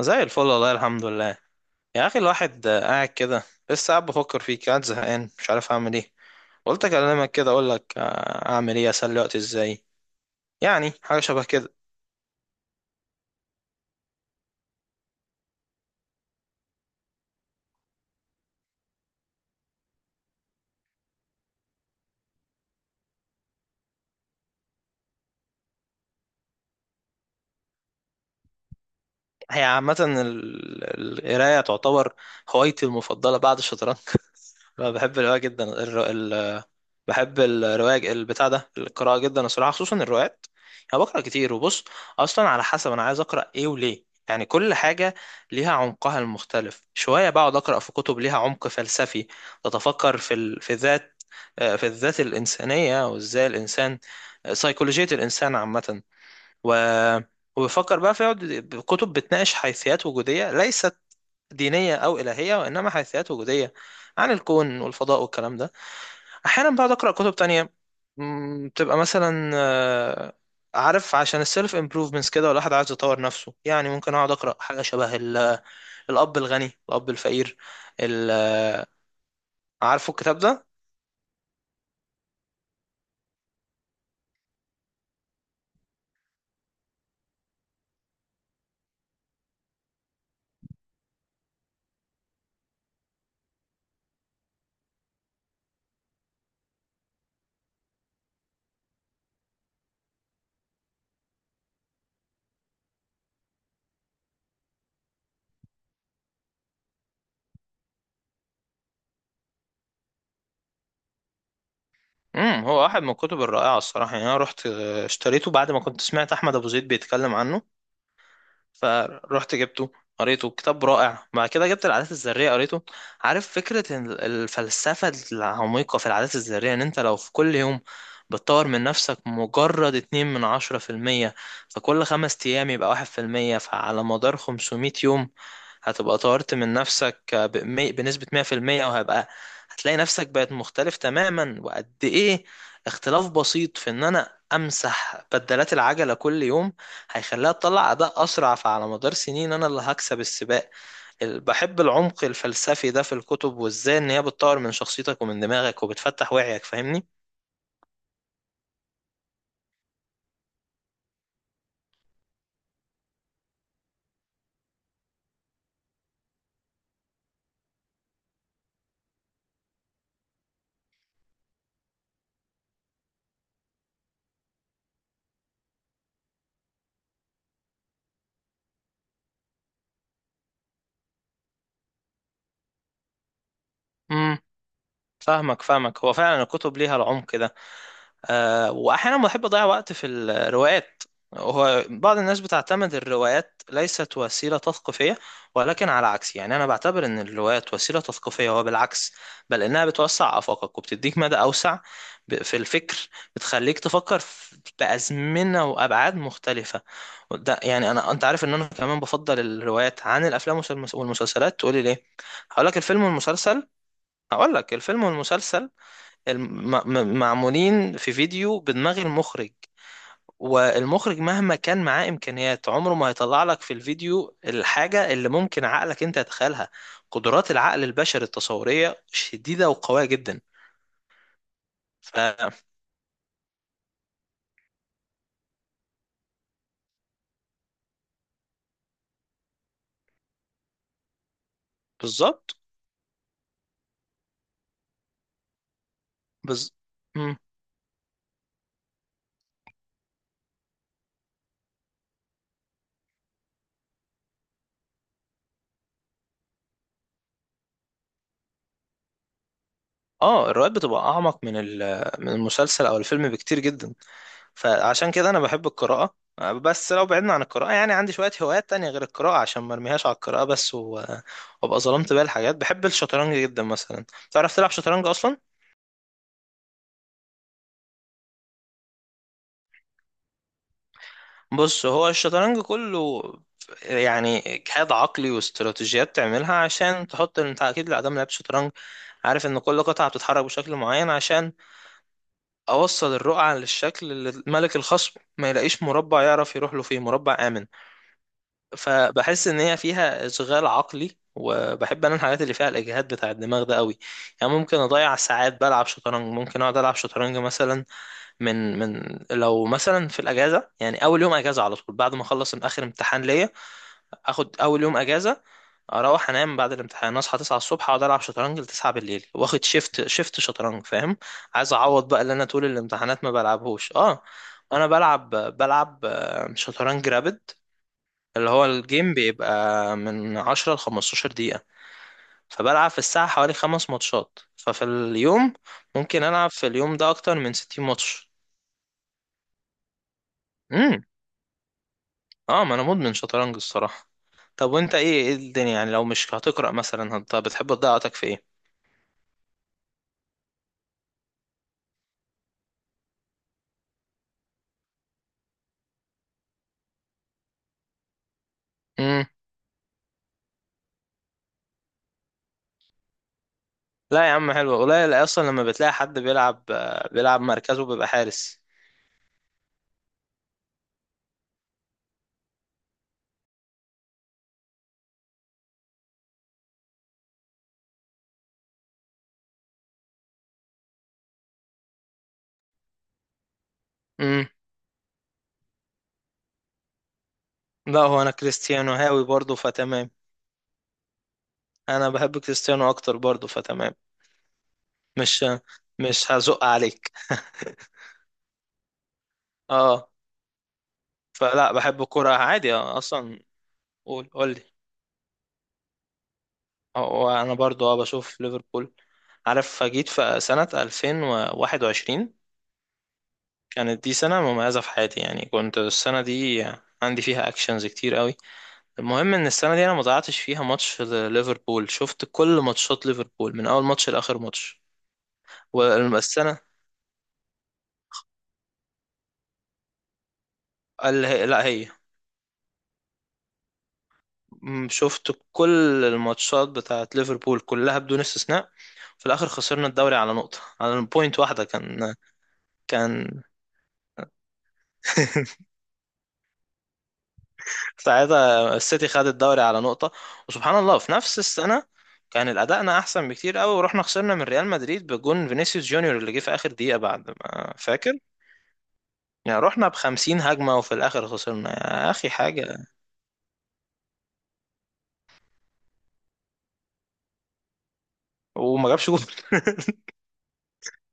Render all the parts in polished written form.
زي الفل، والله الحمد لله. يا اخي الواحد قاعد كده. لسه قاعد بفكر فيك، قاعد زهقان مش عارف اعمل ايه. قلت اكلمك كده اقول لك، اعمل ايه اسلي وقتي ازاي. يعني حاجه شبه كده. هي عامه القرايه تعتبر هوايتي المفضله بعد الشطرنج. أنا بحب القرايه جدا. بحب الرواية، البتاع ده، القراءة جدا الصراحة، خصوصا الروايات. أنا بقرأ كتير، وبص أصلا على حسب أنا عايز أقرأ إيه وليه. يعني كل حاجة ليها عمقها المختلف شوية. بقعد أقرأ في كتب ليها عمق فلسفي، تتفكر في ذات آه، في الذات الإنسانية وإزاي الإنسان، سيكولوجية الإنسان عامة. و... وبفكر بقى في كتب بتناقش حيثيات وجودية ليست دينية أو إلهية، وإنما حيثيات وجودية عن الكون والفضاء والكلام ده. احيانا بقعد اقرا كتب تانية، بتبقى مثلا عارف، عشان السيلف امبروفمنتس كده، والواحد عايز يطور نفسه. يعني ممكن اقعد اقرا حاجه شبه الاب الغني الاب الفقير. ال- عارفه الكتاب ده؟ امم. هو واحد من الكتب الرائعه الصراحه. يعني انا رحت اشتريته بعد ما كنت سمعت احمد ابو زيد بيتكلم عنه، فروحت جبته قريته. كتاب رائع. بعد كده جبت العادات الذرية قريته. عارف فكرة إن الفلسفة العميقة في العادات الذرية، ان انت لو في كل يوم بتطور من نفسك مجرد 2 من 10 في المية، فكل 5 أيام يبقى 1 في المية، فعلى مدار 500 يوم هتبقى طورت من نفسك بنسبة 100 في المية، وهبقى هتلاقي نفسك بقت مختلف تماما. وقد ايه اختلاف بسيط في ان انا امسح بدلات العجلة كل يوم هيخليها تطلع اداء اسرع، فعلى مدار سنين انا اللي هكسب السباق. بحب العمق الفلسفي ده في الكتب، وازاي ان هي بتطور من شخصيتك ومن دماغك وبتفتح وعيك، فاهمني؟ امم. فاهمك فاهمك. هو فعلا الكتب ليها العمق ده. واحيانا بحب اضيع وقت في الروايات. هو بعض الناس بتعتمد الروايات ليست وسيلة تثقيفية، ولكن على عكس، يعني أنا بعتبر إن الروايات وسيلة تثقيفية. هو بالعكس، بل إنها بتوسع آفاقك وبتديك مدى أوسع في الفكر. بتخليك تفكر بأزمنة وأبعاد مختلفة. ده يعني أنا، أنت عارف إن أنا كمان بفضل الروايات عن الأفلام والمسلسلات، تقولي ليه؟ هقول لك. الفيلم والمسلسل، هقول لك الفيلم والمسلسل معمولين في فيديو بدماغ المخرج، والمخرج مهما كان معاه إمكانيات عمره ما هيطلع لك في الفيديو الحاجة اللي ممكن عقلك أنت يتخيلها. قدرات العقل البشري التصورية شديدة وقوية جدا. فبالظبط. بز... مم. اه، الروايات بتبقى أعمق من المسلسل أو الفيلم بكتير جدا. فعشان كده انا بحب القراءة. بس لو بعدنا عن القراءة، يعني عندي شوية هوايات تانية غير القراءة، عشان ما ارميهاش على القراءة بس وابقى ظلمت بقى الحاجات. بحب الشطرنج جدا مثلا. تعرف تلعب شطرنج اصلا؟ بص، هو الشطرنج كله يعني اجهاد عقلي واستراتيجيات تعملها عشان تحط انت، اكيد لا دام لعبت شطرنج عارف ان كل قطعة بتتحرك بشكل معين، عشان اوصل الرقعة للشكل اللي ملك الخصم ما يلاقيش مربع يعرف يروح له فيه، مربع آمن. فبحس ان هي فيها اشغال عقلي، وبحب انا الحاجات اللي فيها الاجهاد بتاع الدماغ ده قوي. يعني ممكن اضيع ساعات بلعب شطرنج. ممكن اقعد العب شطرنج مثلا من لو مثلا في الاجازه. يعني اول يوم اجازه على طول بعد ما اخلص من اخر امتحان ليا، اخد اول يوم اجازه اروح انام بعد الامتحان، اصحى 9 الصبح اقعد العب شطرنج ل 9 بالليل، واخد شيفت شيفت شطرنج، فاهم؟ عايز اعوض بقى اللي انا طول الامتحانات ما بلعبهوش. اه، انا بلعب شطرنج رابد، اللي هو الجيم بيبقى من 10 ل15 دقيقة. فبلعب في الساعة حوالي 5 ماتشات، ففي اليوم ممكن ألعب في اليوم ده أكتر من 60 ماتش. امم. اه، ما أنا مدمن شطرنج الصراحة. طب وأنت، إيه الدنيا؟ يعني لو مش هتقرأ مثلا، بتحب تضيع وقتك في إيه؟ امم. لا يا عم، حلو، قليل أصلا لما بتلاقي حد بيلعب، بيلعب مركزه بيبقى حارس. امم. لا، هو أنا كريستيانو هاوي برضه، فتمام. أنا بحب كريستيانو أكتر برضه، فتمام. مش مش هزق عليك. اه. فلا، بحب الكوره عادي، اصلا. قول قول لي. وانا برضو اه بشوف ليفربول. عارف جيت في سنة 2021، كانت دي سنة مميزة في حياتي. يعني كنت السنة دي عندي فيها اكشنز كتير قوي. المهم ان السنة دي انا ما ضيعتش فيها ماتش ليفربول، شفت كل ماتشات ليفربول من اول ماتش لاخر ماتش. والسنة اللي هي، لا هي، شفت كل الماتشات بتاعت ليفربول كلها بدون استثناء. في الاخر خسرنا الدوري على نقطة، على بوينت واحدة، كان. ساعتها السيتي خد الدوري على نقطة. وسبحان الله في نفس السنة كان الأداءنا أحسن بكتير قوي، ورحنا خسرنا من ريال مدريد بجون فينيسيوس جونيور اللي جه في آخر دقيقة بعد ما فاكر. يعني رحنا ب50 هجمة وفي الآخر خسرنا، يا أخي حاجة، وما جابش جول.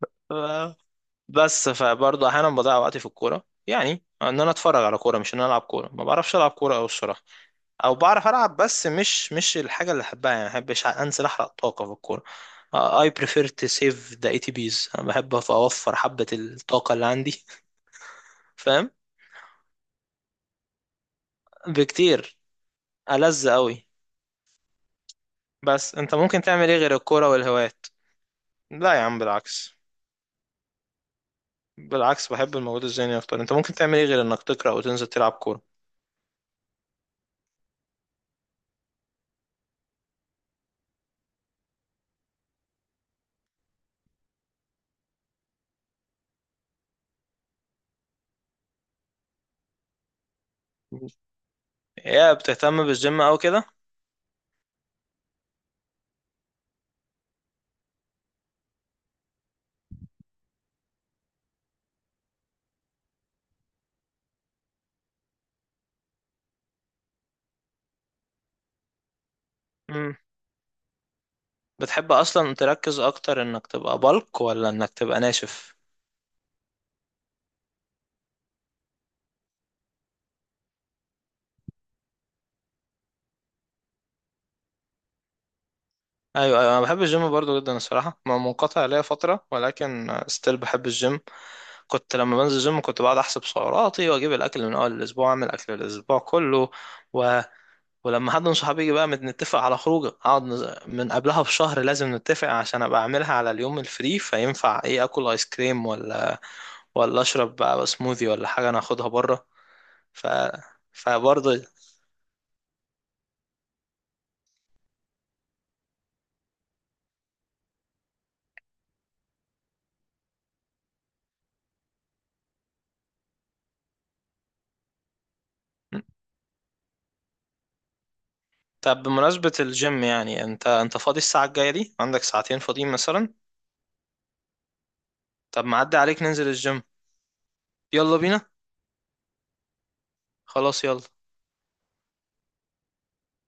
ف- بس فبرضه أحيانا بضيع وقتي في الكورة، يعني إن أنا أتفرج على كورة مش إن أنا ألعب كورة. ما بعرفش ألعب كورة أوي الصراحة. او بعرف العب بس مش الحاجه اللي احبها. يعني ما بحبش انزل احرق طاقه في الكوره. I prefer to save the ATPs. انا بحب اوفر حبه الطاقه اللي عندي. فاهم؟ بكتير. ألذ قوي. بس انت ممكن تعمل ايه غير الكوره والهوايات؟ لا يا عم بالعكس. بالعكس، بحب المجهود الذهني اكتر. انت ممكن تعمل ايه غير انك تقرا وتنزل تلعب كوره؟ يا بتهتم بالجيم او كده؟ مم. بتحب اصلا تركز اكتر انك تبقى بلك ولا انك تبقى ناشف؟ ايوه، ايوه، انا بحب الجيم برضو جدا الصراحه. ما منقطع ليا فتره، ولكن ستيل بحب الجيم. كنت لما بنزل الجيم كنت بقعد احسب سعراتي واجيب الاكل من اول الاسبوع، اعمل اكل الاسبوع كله، و... ولما حد من صحابي يجي بقى نتفق على خروجه، اقعد من قبلها بشهر لازم نتفق، عشان ابقى اعملها على اليوم الفري، فينفع ايه، اكل ايس كريم، ولا ولا اشرب بقى سموذي، ولا حاجه انا اخدها بره. ف فبرضه، طب بمناسبة الجيم، يعني انت، فاضي الساعة الجاية دي؟ عندك ساعتين فاضيين مثلا؟ طب معدي عليك ننزل الجيم؟ يلا بينا. خلاص يلا.